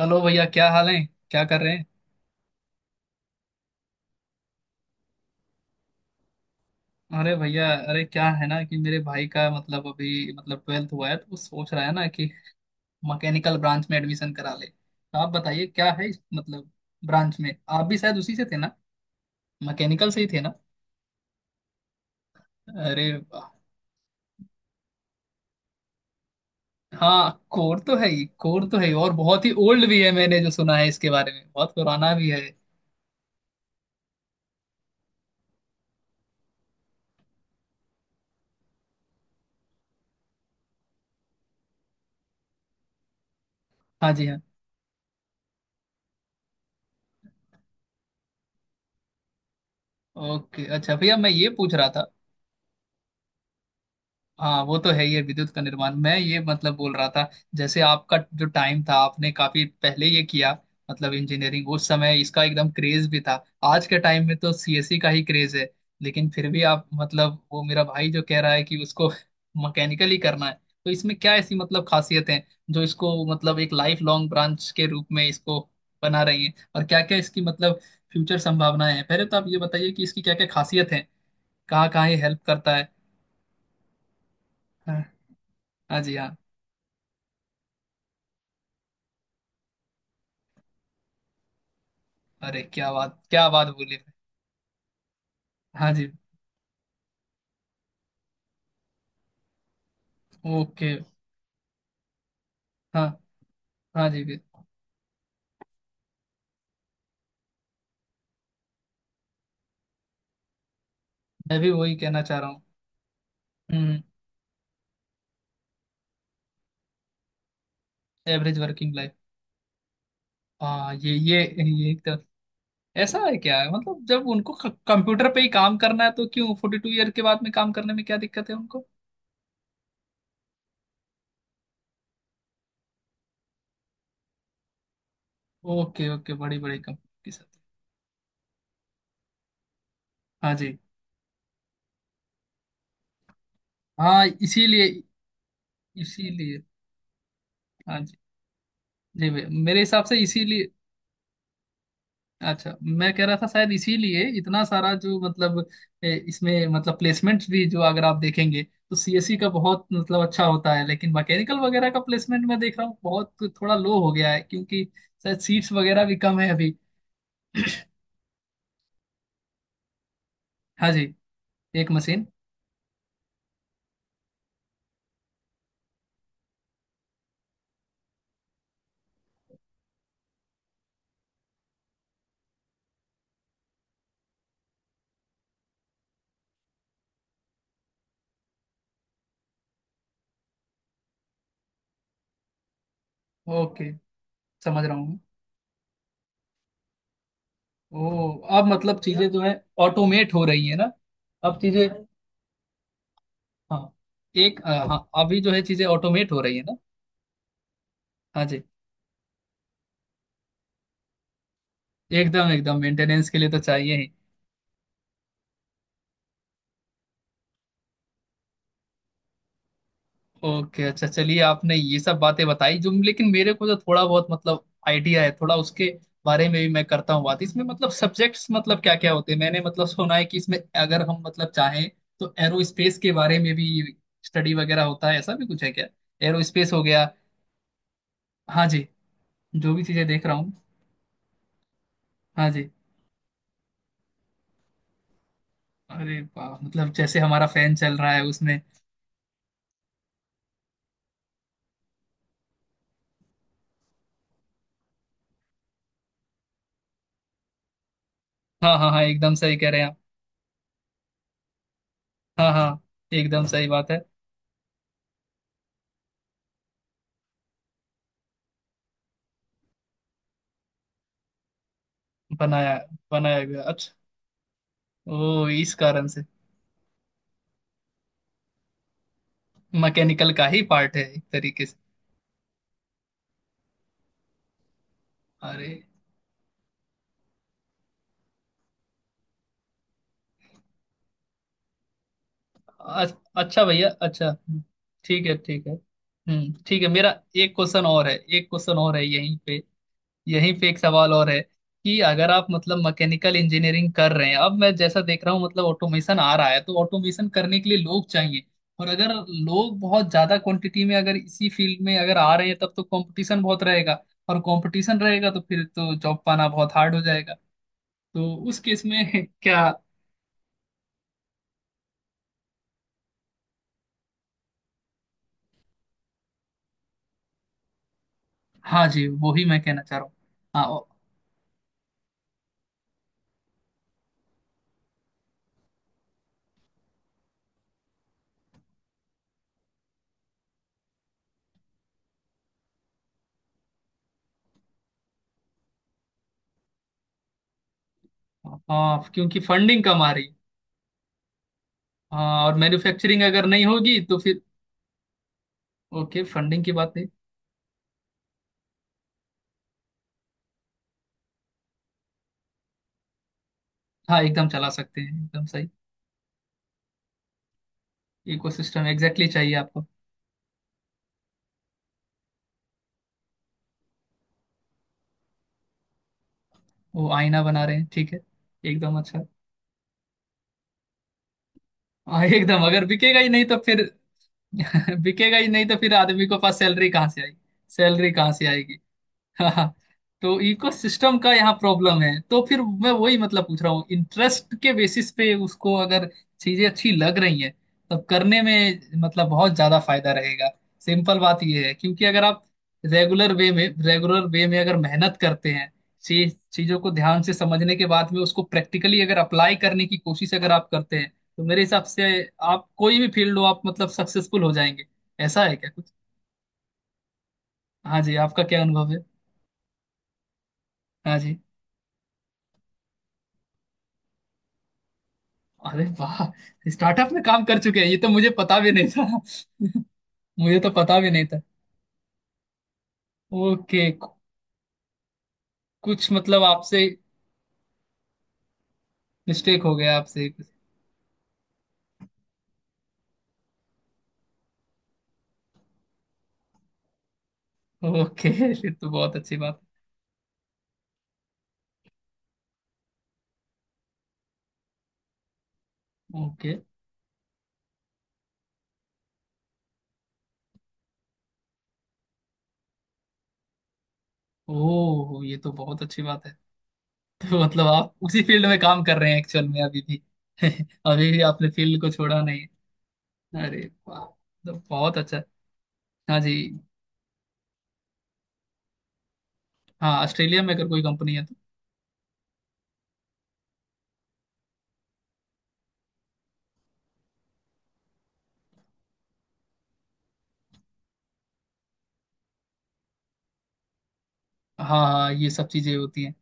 Hello भैया क्या हाल है। क्या कर रहे हैं। अरे भैया अरे क्या है ना कि मेरे भाई का मतलब अभी मतलब ट्वेल्थ हुआ है तो वो सोच रहा है ना कि मैकेनिकल ब्रांच में एडमिशन करा ले तो आप बताइए क्या है इस मतलब ब्रांच में। आप भी शायद उसी से थे ना। मैकेनिकल से ही थे ना। अरे वाह। हाँ, कोर तो है ही, कोर तो है ही और बहुत ही ओल्ड भी है, मैंने जो सुना है इसके बारे में बहुत पुराना भी है। हाँ जी हाँ। ओके अच्छा भैया मैं ये पूछ रहा था। हाँ वो तो है ही है, विद्युत का निर्माण मैं ये मतलब बोल रहा था। जैसे आपका जो टाइम था आपने काफी पहले ये किया, मतलब इंजीनियरिंग उस समय इसका एकदम क्रेज भी था। आज के टाइम में तो सीएससी का ही क्रेज है। लेकिन फिर भी आप मतलब वो मेरा भाई जो कह रहा है कि उसको मैकेनिकल ही करना है। तो इसमें क्या ऐसी मतलब खासियत है जो इसको मतलब एक लाइफ लॉन्ग ब्रांच के रूप में इसको बना रही है, और क्या क्या इसकी मतलब फ्यूचर संभावनाएं हैं। पहले तो आप ये बताइए कि इसकी क्या क्या खासियत है, कहाँ कहाँ ये हेल्प करता है। हाँ। हाँ जी हाँ। अरे क्या बात बोली भाई। हाँ जी। ओके। हाँ। हाँ जी भी। मैं भी वही कहना चाह रहा हूँ। हम्म। Average working life. हाँ ये एक तो ऐसा है, क्या है मतलब जब उनको कंप्यूटर पे ही काम करना है तो क्यों 40 ईयर के बाद में काम करने में क्या दिक्कत है उनको। ओके ओके बड़ी बड़ी कंपनी के साथ। हाँ जी हाँ। इसीलिए इसीलिए हाँ जी जी भैया मेरे हिसाब से इसीलिए। अच्छा मैं कह रहा था शायद इसीलिए इतना सारा जो मतलब इसमें मतलब प्लेसमेंट भी जो अगर आप देखेंगे तो सीएससी का बहुत मतलब अच्छा होता है, लेकिन मैकेनिकल वगैरह का प्लेसमेंट मैं देख रहा हूँ बहुत थोड़ा लो हो गया है क्योंकि शायद सीट्स वगैरह भी कम है अभी। हाँ जी। एक मशीन। ओके। समझ रहा हूँ। ओ। अब मतलब चीजें जो है ऑटोमेट हो रही है ना। अब चीजें। हाँ एक हाँ अभी जो है चीजें ऑटोमेट हो रही है ना। हाँ जी। एकदम एकदम मेंटेनेंस के लिए तो चाहिए ही। ओके अच्छा चलिए आपने ये सब बातें बताई जो, लेकिन मेरे को तो थोड़ा बहुत मतलब आइडिया है थोड़ा उसके बारे में भी मैं करता हूँ बात, इसमें मतलब सब्जेक्ट्स मतलब क्या क्या होते हैं। मैंने मतलब सुना है कि इसमें अगर हम मतलब चाहें तो एरोस्पेस के बारे में भी स्टडी वगैरह होता है, ऐसा भी कुछ है क्या। एरोस्पेस हो गया। हाँ जी। जो भी चीजें देख रहा हूँ। हाँ जी। अरे वाह मतलब जैसे हमारा फैन चल रहा है उसमें। हाँ हाँ हाँ एकदम सही कह रहे हैं आप। हाँ हाँ एकदम सही बात है। बनाया, बनाया गया अच्छा। ओ इस कारण से मैकेनिकल का ही पार्ट है एक तरीके से। अरे अ- अच्छा भैया अच्छा ठीक है ठीक है ठीक है मेरा एक क्वेश्चन और है। एक क्वेश्चन और है यहीं पे। यहीं पे एक सवाल और है कि अगर आप मतलब मैकेनिकल इंजीनियरिंग कर रहे हैं, अब मैं जैसा देख रहा हूँ मतलब ऑटोमेशन आ रहा है तो ऑटोमेशन करने के लिए लोग चाहिए। और अगर लोग बहुत ज्यादा क्वांटिटी में अगर इसी फील्ड में अगर आ रहे हैं तब तो कंपटीशन बहुत रहेगा। और कंपटीशन रहेगा तो फिर तो जॉब पाना बहुत हार्ड हो जाएगा। तो उस केस में क्या। हाँ जी वो ही मैं कहना चाह रहा हूँ। हाँ हाँ, क्योंकि फंडिंग कम आ रही है। हाँ और मैन्युफैक्चरिंग अगर नहीं होगी तो फिर ओके फंडिंग की बात नहीं। हाँ एकदम चला सकते हैं एकदम सही। इकोसिस्टम एग्जैक्टली चाहिए आपको। वो आईना बना रहे हैं ठीक है। एकदम अच्छा। हाँ एकदम अगर बिकेगा ही नहीं तो फिर बिकेगा ही नहीं तो फिर आदमी को पास सैलरी कहाँ से आएगी। सैलरी कहाँ से आएगी। हाँ। तो इकोसिस्टम का यहाँ प्रॉब्लम है तो फिर मैं वही मतलब पूछ रहा हूँ, इंटरेस्ट के बेसिस पे उसको अगर चीजें अच्छी लग रही हैं तब करने में मतलब बहुत ज्यादा फायदा रहेगा। सिंपल बात ये है क्योंकि अगर आप रेगुलर वे में अगर मेहनत करते हैं, चीजों को ध्यान से समझने के बाद में उसको प्रैक्टिकली अगर अप्लाई करने की कोशिश अगर आप करते हैं तो मेरे हिसाब से आप कोई भी फील्ड हो आप मतलब सक्सेसफुल हो जाएंगे। ऐसा है क्या कुछ। हाँ जी आपका क्या अनुभव है। हाँ जी। अरे वाह। स्टार्टअप में काम कर चुके हैं ये तो मुझे पता भी नहीं था मुझे तो पता भी नहीं था। ओके कुछ मतलब आपसे मिस्टेक हो गया आपसे। ओके फिर तो बहुत अच्छी बात है। ओके। ओह ये तो बहुत अच्छी बात है। तो मतलब आप उसी फील्ड में काम कर रहे हैं एक्चुअल में अभी भी। अभी भी आपने फील्ड को छोड़ा नहीं है। अरे वाह। तो बहुत अच्छा है। हाँ जी। हाँ ऑस्ट्रेलिया में अगर कोई कंपनी है तो हाँ हाँ ये सब चीजें होती हैं।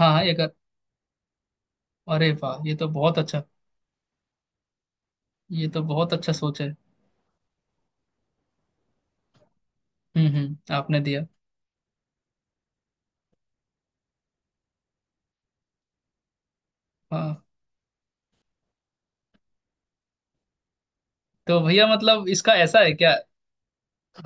हाँ हाँ एक अरे वाह ये तो बहुत अच्छा। ये तो बहुत अच्छा सोच है। आपने दिया। हाँ। तो भैया मतलब इसका ऐसा है क्या।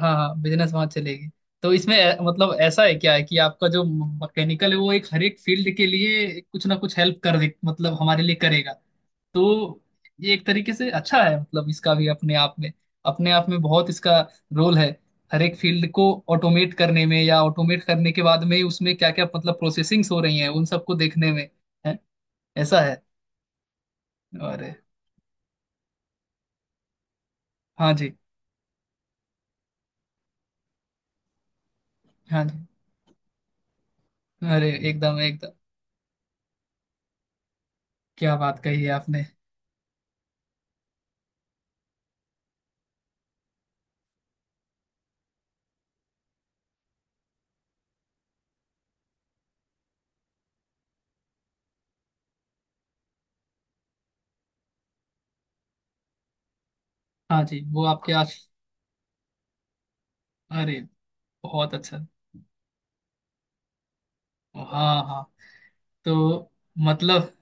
हाँ हाँ बिजनेस वहां चलेगी। तो इसमें मतलब ऐसा है क्या है कि आपका जो मैकेनिकल है वो एक हर एक फील्ड के लिए कुछ ना कुछ हेल्प कर दे मतलब हमारे लिए करेगा। तो ये एक तरीके से अच्छा है मतलब इसका भी अपने आप में बहुत इसका रोल है। हर एक फील्ड को ऑटोमेट करने में या ऑटोमेट करने के बाद में उसमें क्या क्या मतलब प्रोसेसिंग्स हो रही हैं उन सबको देखने में है, ऐसा है। और हाँ जी। हाँ जी अरे एकदम एकदम। क्या बात कही है आपने। हाँ जी वो आपके आज अरे बहुत अच्छा। हाँ हाँ तो मतलब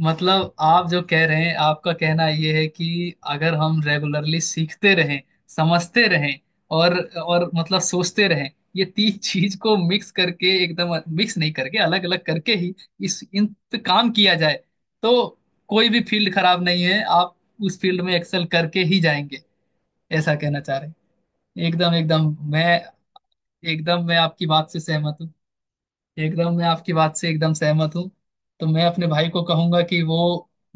आप जो कह रहे हैं आपका कहना ये है कि अगर हम रेगुलरली सीखते रहें, समझते रहें और मतलब सोचते रहें, ये तीन चीज को मिक्स करके, एकदम मिक्स नहीं करके अलग अलग करके ही इस इन पे काम किया जाए तो कोई भी फील्ड खराब नहीं है, आप उस फील्ड में एक्सेल करके ही जाएंगे, ऐसा कहना चाह रहे हैं। एकदम मैं एकदम मैं आपकी बात से सहमत हूँ। एकदम मैं आपकी बात से एकदम सहमत हूँ। तो मैं अपने भाई को कहूंगा कि वो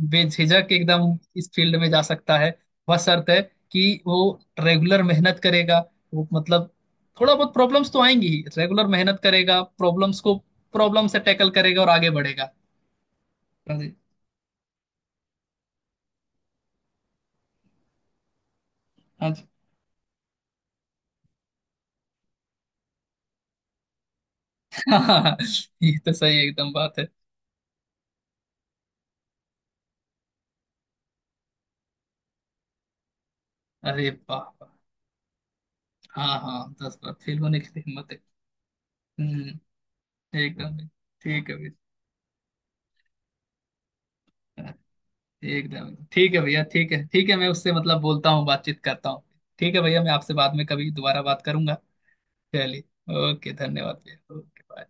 बेझिझक एकदम इस फील्ड में जा सकता है, बशर्ते है कि वो रेगुलर मेहनत करेगा। वो मतलब थोड़ा बहुत प्रॉब्लम्स तो आएंगी ही, रेगुलर मेहनत करेगा, प्रॉब्लम्स को प्रॉब्लम से टैकल करेगा और आगे बढ़ेगा। हाँ जी। हाँ जी। ये तो सही एकदम बात है। अरे वाह वाह। हाँ हाँ 10 बार फेल होने की हिम्मत है। हम्म एकदम ठीक है भाई। एकदम ठीक है भैया ठीक है मैं उससे मतलब बोलता हूँ बातचीत करता हूँ। ठीक है भैया मैं आपसे बाद में कभी दोबारा बात करूंगा। चलिए ओके धन्यवाद भैया ओके बाय।